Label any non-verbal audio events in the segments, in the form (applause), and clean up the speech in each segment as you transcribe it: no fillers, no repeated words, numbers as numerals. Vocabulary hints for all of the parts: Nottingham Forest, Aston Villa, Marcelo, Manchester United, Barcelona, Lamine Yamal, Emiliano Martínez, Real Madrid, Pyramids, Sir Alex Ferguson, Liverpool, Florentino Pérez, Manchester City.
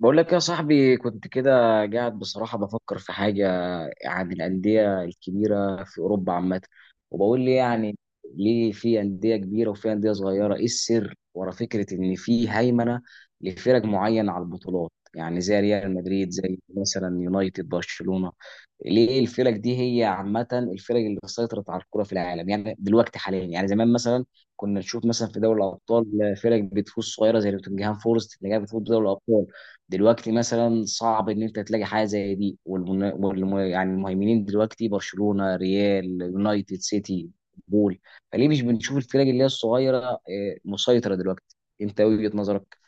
بقول لك يا صاحبي كنت كده قاعد. بصراحة بفكر في حاجة عن الأندية الكبيرة في أوروبا عامة. وبقول لي يعني ليه في أندية كبيرة وفي أندية صغيرة؟ إيه السر ورا فكرة إن في هيمنة لفرق معينة على البطولات، يعني زي ريال مدريد، زي مثلا يونايتد، برشلونة. ليه الفرق دي هي عامة الفرق اللي سيطرت على الكرة في العالم؟ يعني دلوقتي حاليا، يعني زمان مثلا كنا نشوف مثلا في دوري الأبطال فرق بتفوز صغيرة زي نوتنجهام فورست اللي جايه بتفوز دوري الأبطال. دلوقتي مثلا صعب ان انت تلاقي حاجه زي دي. يعني المهيمنين دلوقتي برشلونه، ريال، يونايتد، سيتي، بول. فليه مش بنشوف الفرق اللي هي الصغيره مسيطره دلوقتي؟ انت وجهه نظرك؟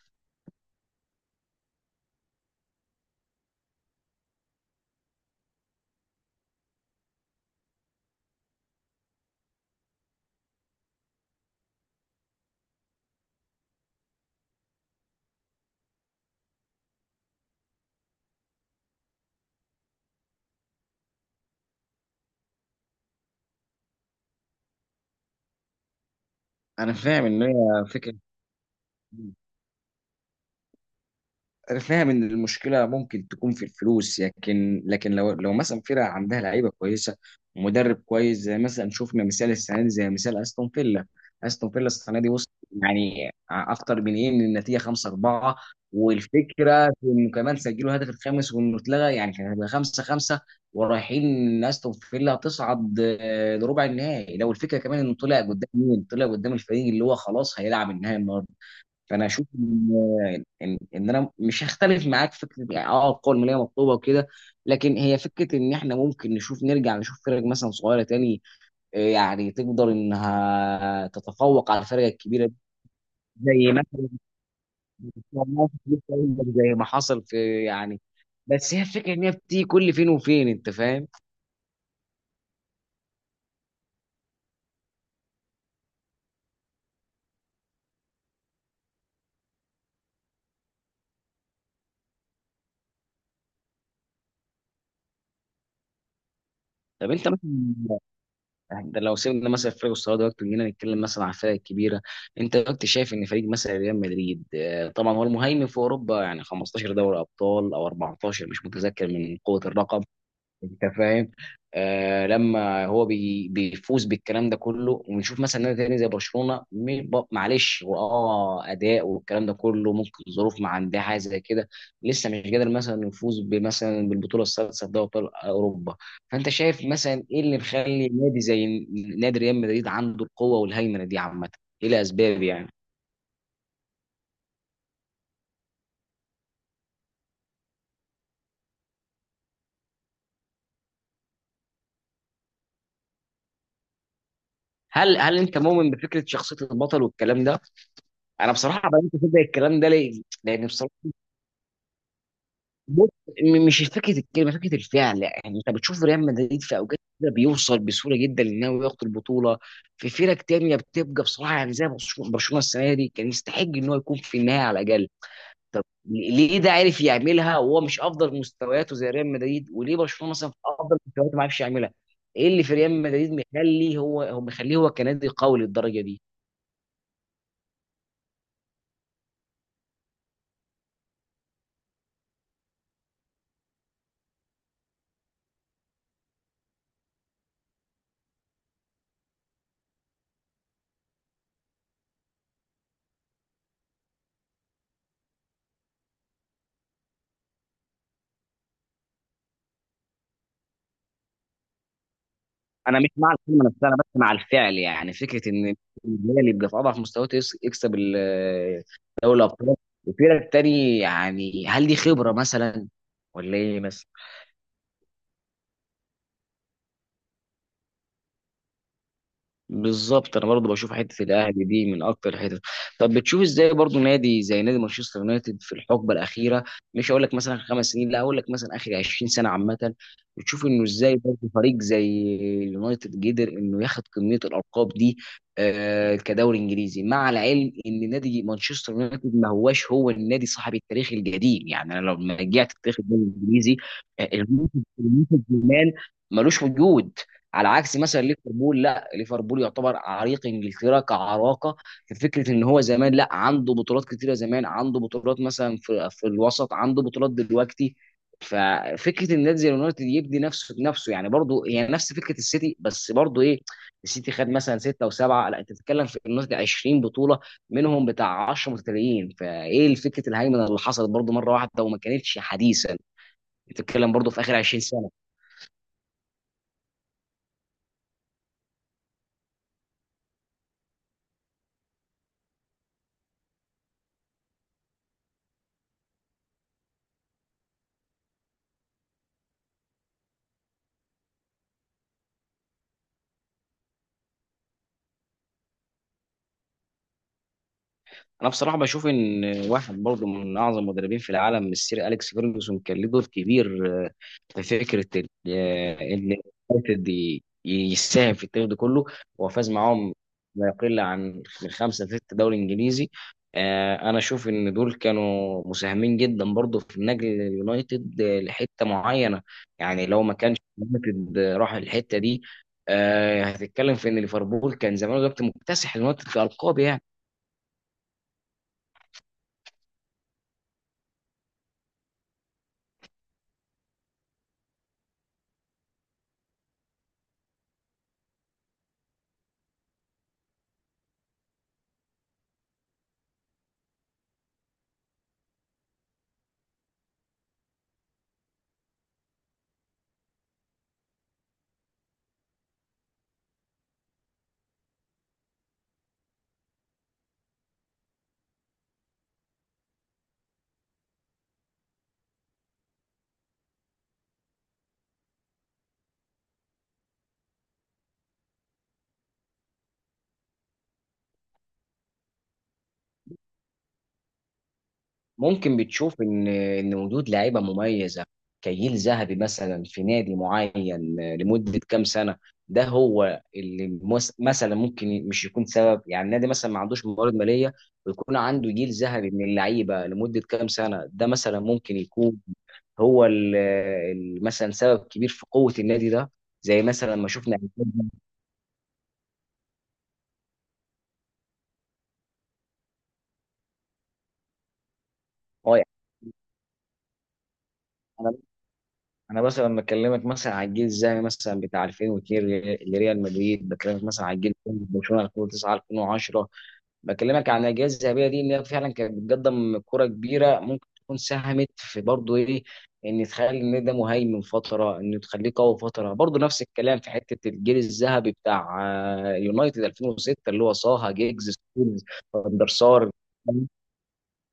انا فاهم ان هي فكره. انا فاهم ان المشكله ممكن تكون في الفلوس، لكن لو مثلا فرقه عندها لعيبه كويسه ومدرب كويس، زي مثلا شفنا مثال السنه دي، زي مثال استون فيلا. استون فيلا السنه دي وصل يعني اكتر من ايه، من النتيجه 5-4، والفكره في انه كمان سجلوا هدف الخامس وانه اتلغى يعني كان هيبقى 5-5، ورايحين ان استون فيلا تصعد لربع النهائي. لو الفكره كمان انه طلع قدام مين؟ طلع قدام الفريق اللي هو خلاص هيلعب النهائي. فانا اشوف ان انا مش هختلف معاك في فكره، يعني اه القوه الماليه مطلوبه وكده. لكن هي فكره ان احنا ممكن نشوف، نرجع نشوف فرق مثلا صغيره تاني، يعني تقدر انها تتفوق على الفرق الكبيره دي. زي مثلا (laughs) زي ما حصل في يعني. بس هي الفكره ان هي بتيجي كل فين وفين، انت فاهم. طب انت مثلا يعني ده لو سيبنا مثلا فريق الصلاه دلوقتي وجينا نتكلم مثلا عن الفرق الكبيره، انت دلوقتي شايف ان فريق مثلا ريال مدريد طبعا هو المهيمن في اوروبا، يعني 15 دوري ابطال او 14 مش متذكر من قوه الرقم، انت فاهم؟ آه لما هو بيفوز بالكلام ده كله، ونشوف مثلا نادي تاني زي برشلونه، معلش هو اه اداء والكلام ده كله، ممكن ظروف ما عندها حاجه زي كده لسه مش قادر مثلا يفوز بمثلا بالبطوله السادسه في دوري ابطال اوروبا. فانت شايف مثلا ايه اللي مخلي نادي زي نادي ريال مدريد عنده القوه والهيمنه دي عامه؟ ايه الاسباب يعني؟ هل انت مؤمن بفكره شخصيه البطل والكلام ده؟ انا بصراحه بقيت كده الكلام ده ليه؟ لان بصراحه، بص، مش فكره الكلمه، فكره الفعل. يعني انت بتشوف ريال مدريد في اوقات كده بيوصل بسهوله جدا انه ياخد البطوله. في فرق تانية بتبقى بصراحه يعني زي برشلونه. السنه دي كان يستحق ان هو يكون في النهايه على الاقل. طب ليه ده عارف يعملها وهو مش افضل مستوياته زي ريال مدريد، وليه برشلونه مثلا في افضل مستوياته ما عرفش يعملها؟ ايه اللي في ريال مدريد مخليه، هو هو مخليه هو كنادي قوي للدرجه دي؟ انا مش مع الكلمه نفسها، انا بس مع الفعل. يعني فكره ان الجيل اللي بيبقى في اضعف مستوياته يكسب دوري الابطال، وفرق تاني. يعني هل دي خبره مثلا ولا ايه؟ بالظبط، انا برضو بشوف حته الاهلي دي من اكتر الحتت. طب بتشوف ازاي برضو نادي زي نادي مانشستر يونايتد في الحقبه الاخيره، مش هقول لك مثلا خمس سنين، لا هقول لك مثلا اخر 20 سنه عامه، بتشوف انه ازاي برضو فريق زي اليونايتد قدر انه ياخد كميه الالقاب دي آه كدوري انجليزي؟ مع العلم ان نادي مانشستر يونايتد ما هواش هو النادي صاحب التاريخ القديم، يعني انا لو رجعت تاريخ الدوري الانجليزي آه، ملوش وجود، على عكس مثلا ليفربول. لا ليفربول يعتبر عريق، انجلترا كعراقه، في فكره ان هو زمان لا عنده بطولات كتيره، زمان عنده بطولات مثلا في الوسط، عنده بطولات دلوقتي. ففكره ان نادي زي اليونايتد يبدي نفسه بنفسه، يعني برضه هي يعني نفس فكره السيتي، بس برضه ايه؟ السيتي خد مثلا سته وسبعه، لا انت بتتكلم في اليونايتد 20 بطوله، منهم بتاع 10 متتاليين. فايه الفكره الهيمنه اللي حصلت برضه مره واحده وما كانتش حديثا، بتتكلم برضه في اخر 20. انا بصراحه بشوف ان واحد برضه من اعظم المدربين في العالم، السير اليكس فيرجسون، كان له دور كبير في فكره ان يونايتد يساهم في التاريخ ده كله. هو فاز معاهم ما يقل عن من خمسه لست دوري انجليزي. انا اشوف ان دول كانوا مساهمين جدا برضه في نقل اليونايتد لحته معينه. يعني لو ما كانش اليونايتد راح الحته دي، هتتكلم في ان ليفربول كان زمان دلوقتي مكتسح اليونايتد كارقام يعني. ممكن بتشوف ان وجود لعيبه مميزه كجيل ذهبي مثلا في نادي معين لمده كام سنه ده هو اللي مثلا ممكن مش يكون سبب. يعني النادي مثلا ما عندوش موارد ماليه ويكون عنده جيل ذهبي من اللعيبه لمده كام سنه، ده مثلا ممكن يكون هو مثلا سبب كبير في قوه النادي ده، زي مثلا ما شفنا. اه، يعني انا مثلا لما بكلمك مثلا على الجيل الذهبي مثلا بتاع 2002 لريال مدريد، بكلمك مثلا على الجيل الثاني برشلونه 2009 2010، بكلمك عن الاجيال الذهبيه دي ان هي فعلا كانت بتقدم كره كبيره، ممكن تكون ساهمت في برضه ايه؟ ان تخلي النادي ده مهيمن فتره، ان تخليه قوي فتره. برضه نفس الكلام في حته الجيل الذهبي بتاع يونايتد 2006 اللي هو صاها جيجز ستونز فاندر سار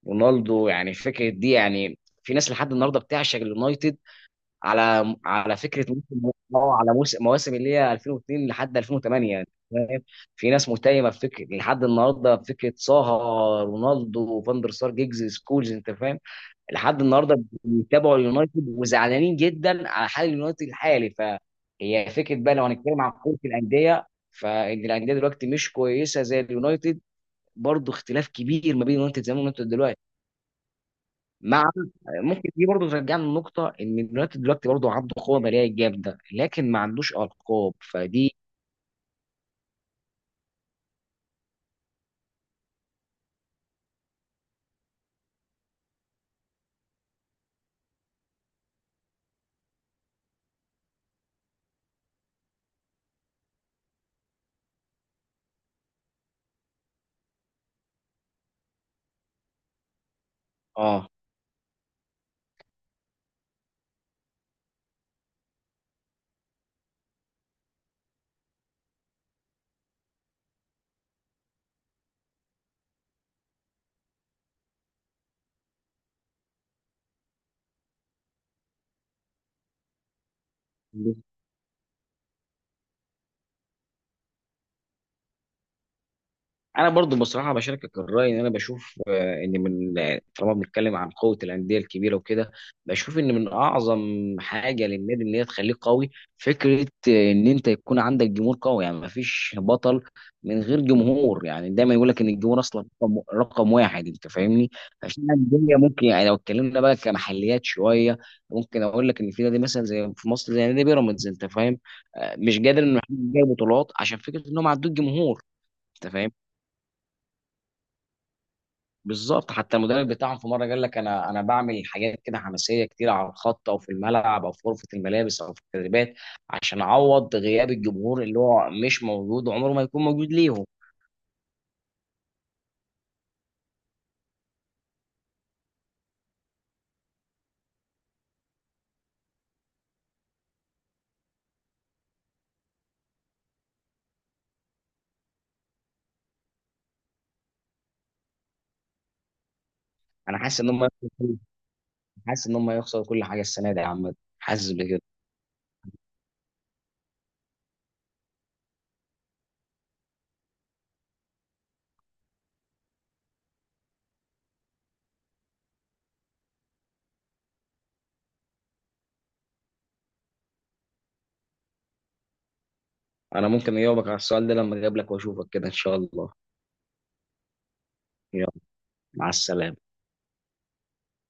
رونالدو، يعني فكره دي يعني. في ناس لحد النهارده بتعشق اليونايتد على فكره موسم، اه على موسم مواسم اللي هي 2002 لحد 2008 يعني فاهم. في ناس متيمه بفكره لحد النهارده، بفكره صاها رونالدو فاندر سار جيجز سكولز انت فاهم. لحد النهارده بيتابعوا اليونايتد وزعلانين جدا على حال اليونايتد الحالي. فهي فكره بقى، لو هنتكلم عن كره الانديه، فان الانديه دلوقتي مش كويسه زي اليونايتد. برضه اختلاف كبير ما بين اليونايتد زمان واليونايتد دلوقتي. مع ممكن دي برضه ترجعنا لنقطة إن اليونايتد دلوقتي برضه عنده قوة مالية جامدة، لكن ما عندوش ألقاب فدي. اه، انا برضو بصراحه بشاركك الراي، ان انا بشوف ان من طالما بنتكلم عن قوه الانديه الكبيره وكده، بشوف ان من اعظم حاجه للنادي ان هي تخليه قوي، فكره ان انت يكون عندك جمهور قوي. يعني ما فيش بطل من غير جمهور، يعني دايما يقول لك ان الجمهور اصلا رقم واحد، انت فاهمني؟ عشان الانديه ممكن يعني لو اتكلمنا بقى كمحليات شويه، ممكن اقول لك ان في نادي مثلا زي في مصر زي نادي بيراميدز، انت فاهم؟ مش قادر انه يحقق بطولات عشان فكره انهم عندهم جمهور. انت فاهم؟ بالظبط، حتى المدرب بتاعهم في مره قال لك انا بعمل حاجات كده حماسيه كتير، على الخط او في الملعب او في غرفه الملابس او في التدريبات عشان اعوض غياب الجمهور اللي هو مش موجود وعمره ما يكون موجود ليهم. انا حاسس ان هم، حاسس ان هم يخسروا كل حاجه السنه دي يا عم. حاسس بكده. انا ممكن اجاوبك على السؤال ده لما اجيب لك واشوفك كده ان شاء الله. يلا، مع السلامه.